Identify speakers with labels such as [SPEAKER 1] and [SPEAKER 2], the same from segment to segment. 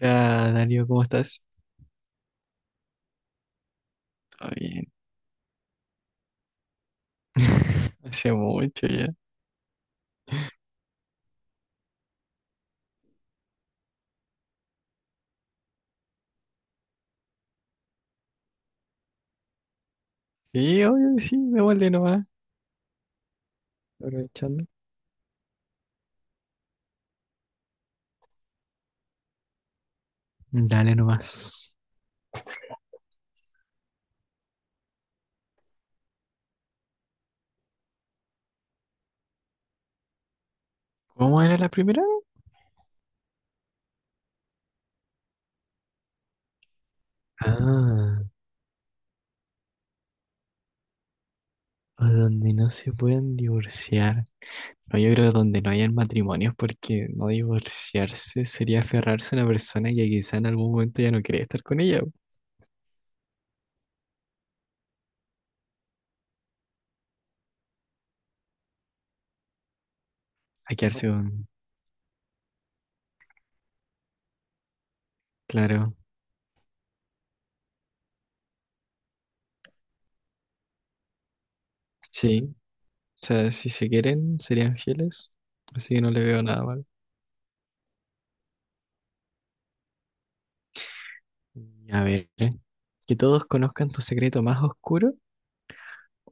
[SPEAKER 1] Hola, Darío, ¿cómo estás? ¿Todo bien? Hace mucho ya. Sí, obvio que sí, devuelve nomás. Aprovechando. Dale nomás. ¿Cómo era la primera? Ah, o donde no se pueden divorciar. No, yo creo que donde no hayan matrimonios, porque no divorciarse sería aferrarse a una persona que quizá en algún momento ya no quiere estar con ella. Po. A quedarse con... Claro. Sí. O sea, si se quieren, serían fieles. Así que no le veo nada malo. A ver, que todos conozcan tu secreto más oscuro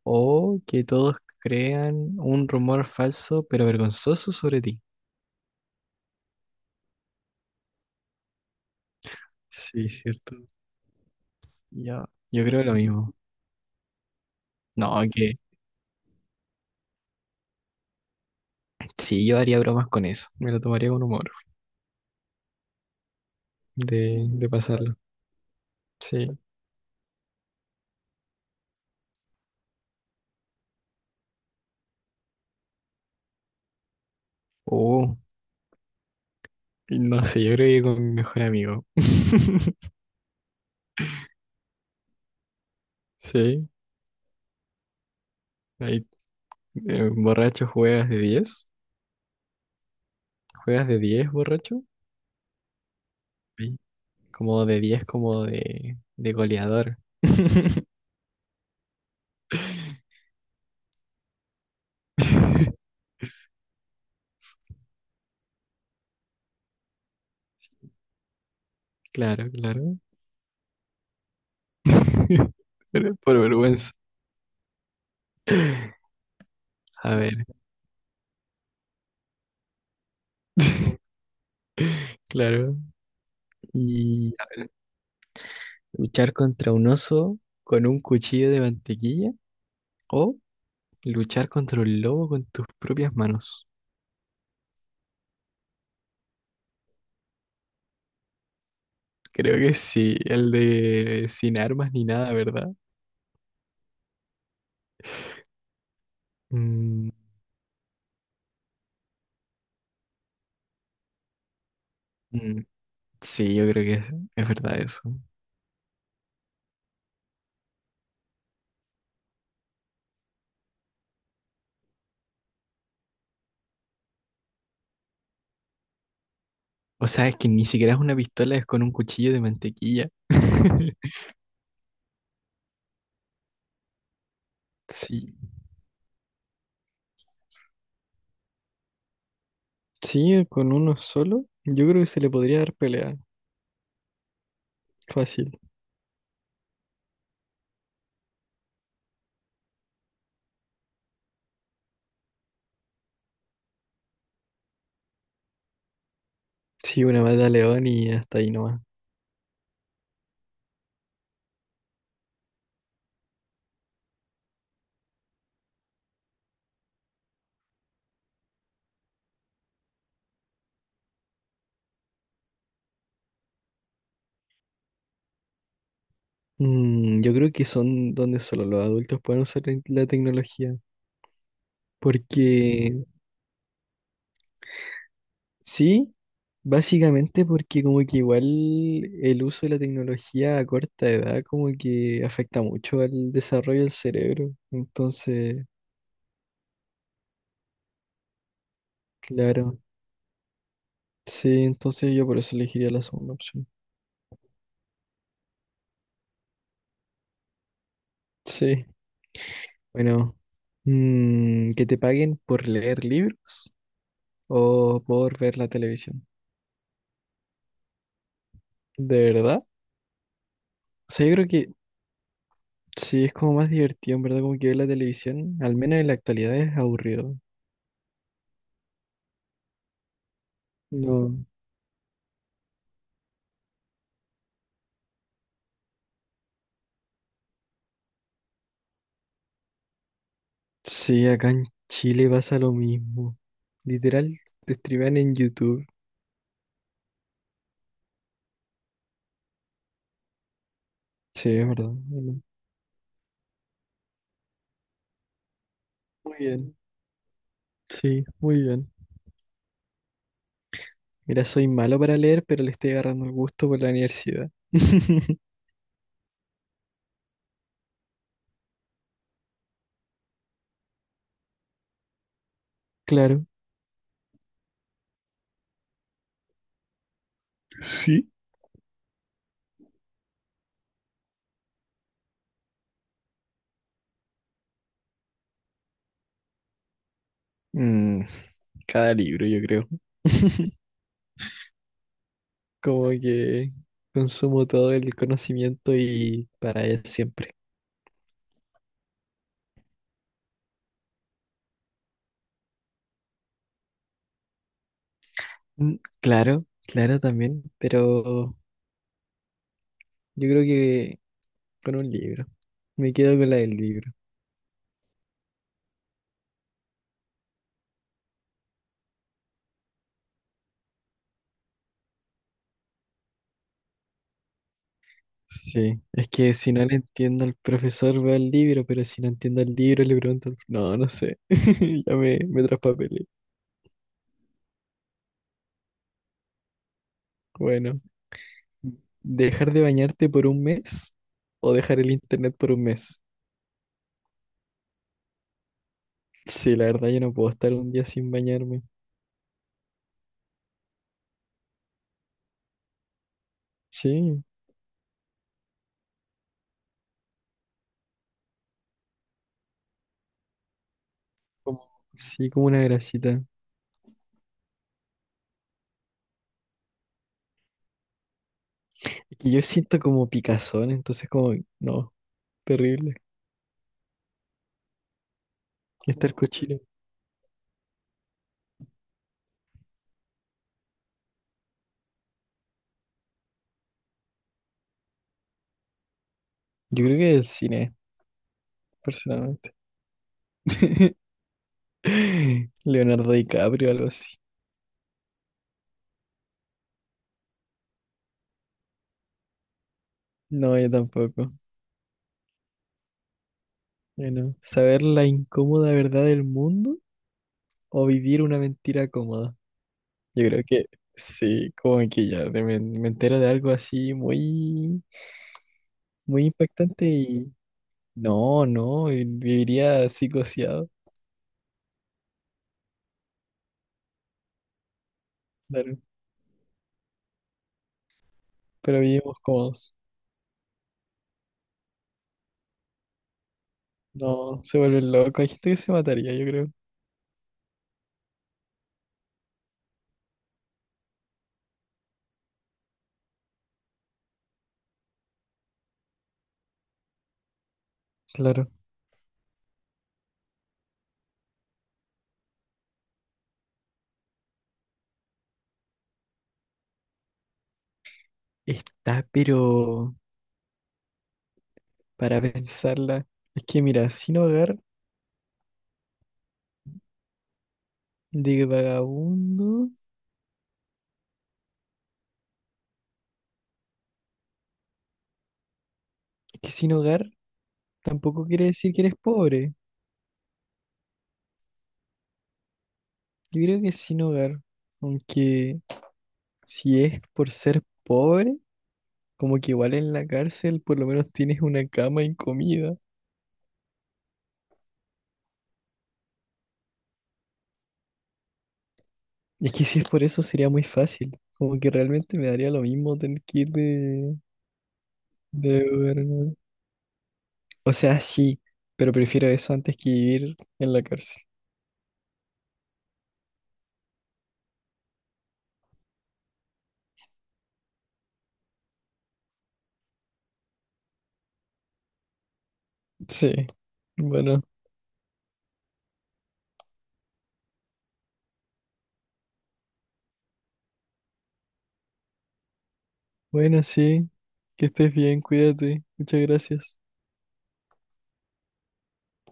[SPEAKER 1] o que todos crean un rumor falso pero vergonzoso sobre ti. Sí, cierto. Yo, yo creo lo mismo. No, que sí, yo haría bromas con eso. Me lo tomaría con humor de pasarlo. Sí. Oh, no sé, yo creo que con mi mejor amigo. Sí. Ahí, borracho juegas de diez. ¿Juegas de 10 borracho? Sí. Como de 10 como de goleador. Claro, claro. Pero por vergüenza. A ver, claro. Y luchar contra un oso con un cuchillo de mantequilla o luchar contra un lobo con tus propias manos. Creo que sí, el de sin armas ni nada, ¿verdad? Mm, mm, sí, yo creo que es verdad eso. O sea, es que ni siquiera es una pistola, es con un cuchillo de mantequilla. Sí, sí, con uno solo, yo creo que se le podría dar pelea. Fácil. Sí, una mata a león y hasta ahí nomás. Mm, yo creo que son donde solo los adultos pueden usar la tecnología. Porque sí, básicamente porque como que igual el uso de la tecnología a corta edad como que afecta mucho al desarrollo del cerebro. Entonces, claro. Sí, entonces yo por eso elegiría la segunda opción. Sí, bueno. Mm, que te paguen por leer libros o por ver la televisión. ¿De verdad? O sea, yo creo que sí es como más divertido, en verdad, como que ver la televisión, al menos en la actualidad es aburrido. No. Sí, acá en Chile pasa lo mismo. Literal, te streamean en YouTube. Sí, es verdad. Bueno, muy bien. Sí, muy bien. Mira, soy malo para leer, pero le estoy agarrando el gusto por la universidad. Claro. Sí. Mm, cada libro, yo creo. Como que consumo todo el conocimiento y para él siempre. Mm, claro, claro también, pero yo creo que con un libro. Me quedo con la del libro. Sí, es que si no le entiendo al profesor veo el libro, pero si no entiendo el libro le pregunto al... No, no sé, ya me traspapelé. Bueno, ¿dejar de bañarte por un mes o dejar el internet por un mes? Sí, la verdad yo no puedo estar un día sin bañarme. Sí. Como, sí, como una grasita. Es que yo siento como picazón, entonces como, no, terrible. Estar cochino. Yo creo que del cine, personalmente. Leonardo DiCaprio, algo así. No, yo tampoco. Bueno, saber la incómoda verdad del mundo o vivir una mentira cómoda. Yo creo que sí, como que ya me entero de algo así muy, muy impactante y no, no, y viviría psicoseado, claro, pero vivimos cómodos. No, se vuelve loco. Hay gente que se mataría, yo creo. Claro. Está, pero para pensarla. Es que mira, sin hogar de vagabundo. Es que sin hogar tampoco quiere decir que eres pobre. Yo creo que sin hogar. Aunque si es por ser pobre, como que igual en la cárcel por lo menos tienes una cama y comida. Y es que si es por eso sería muy fácil. Como que realmente me daría lo mismo tener que ir de hogar. ¿No? O sea, sí, pero prefiero eso antes que vivir en la cárcel. Sí. Bueno, bueno, sí. Que estés bien, cuídate. Muchas gracias.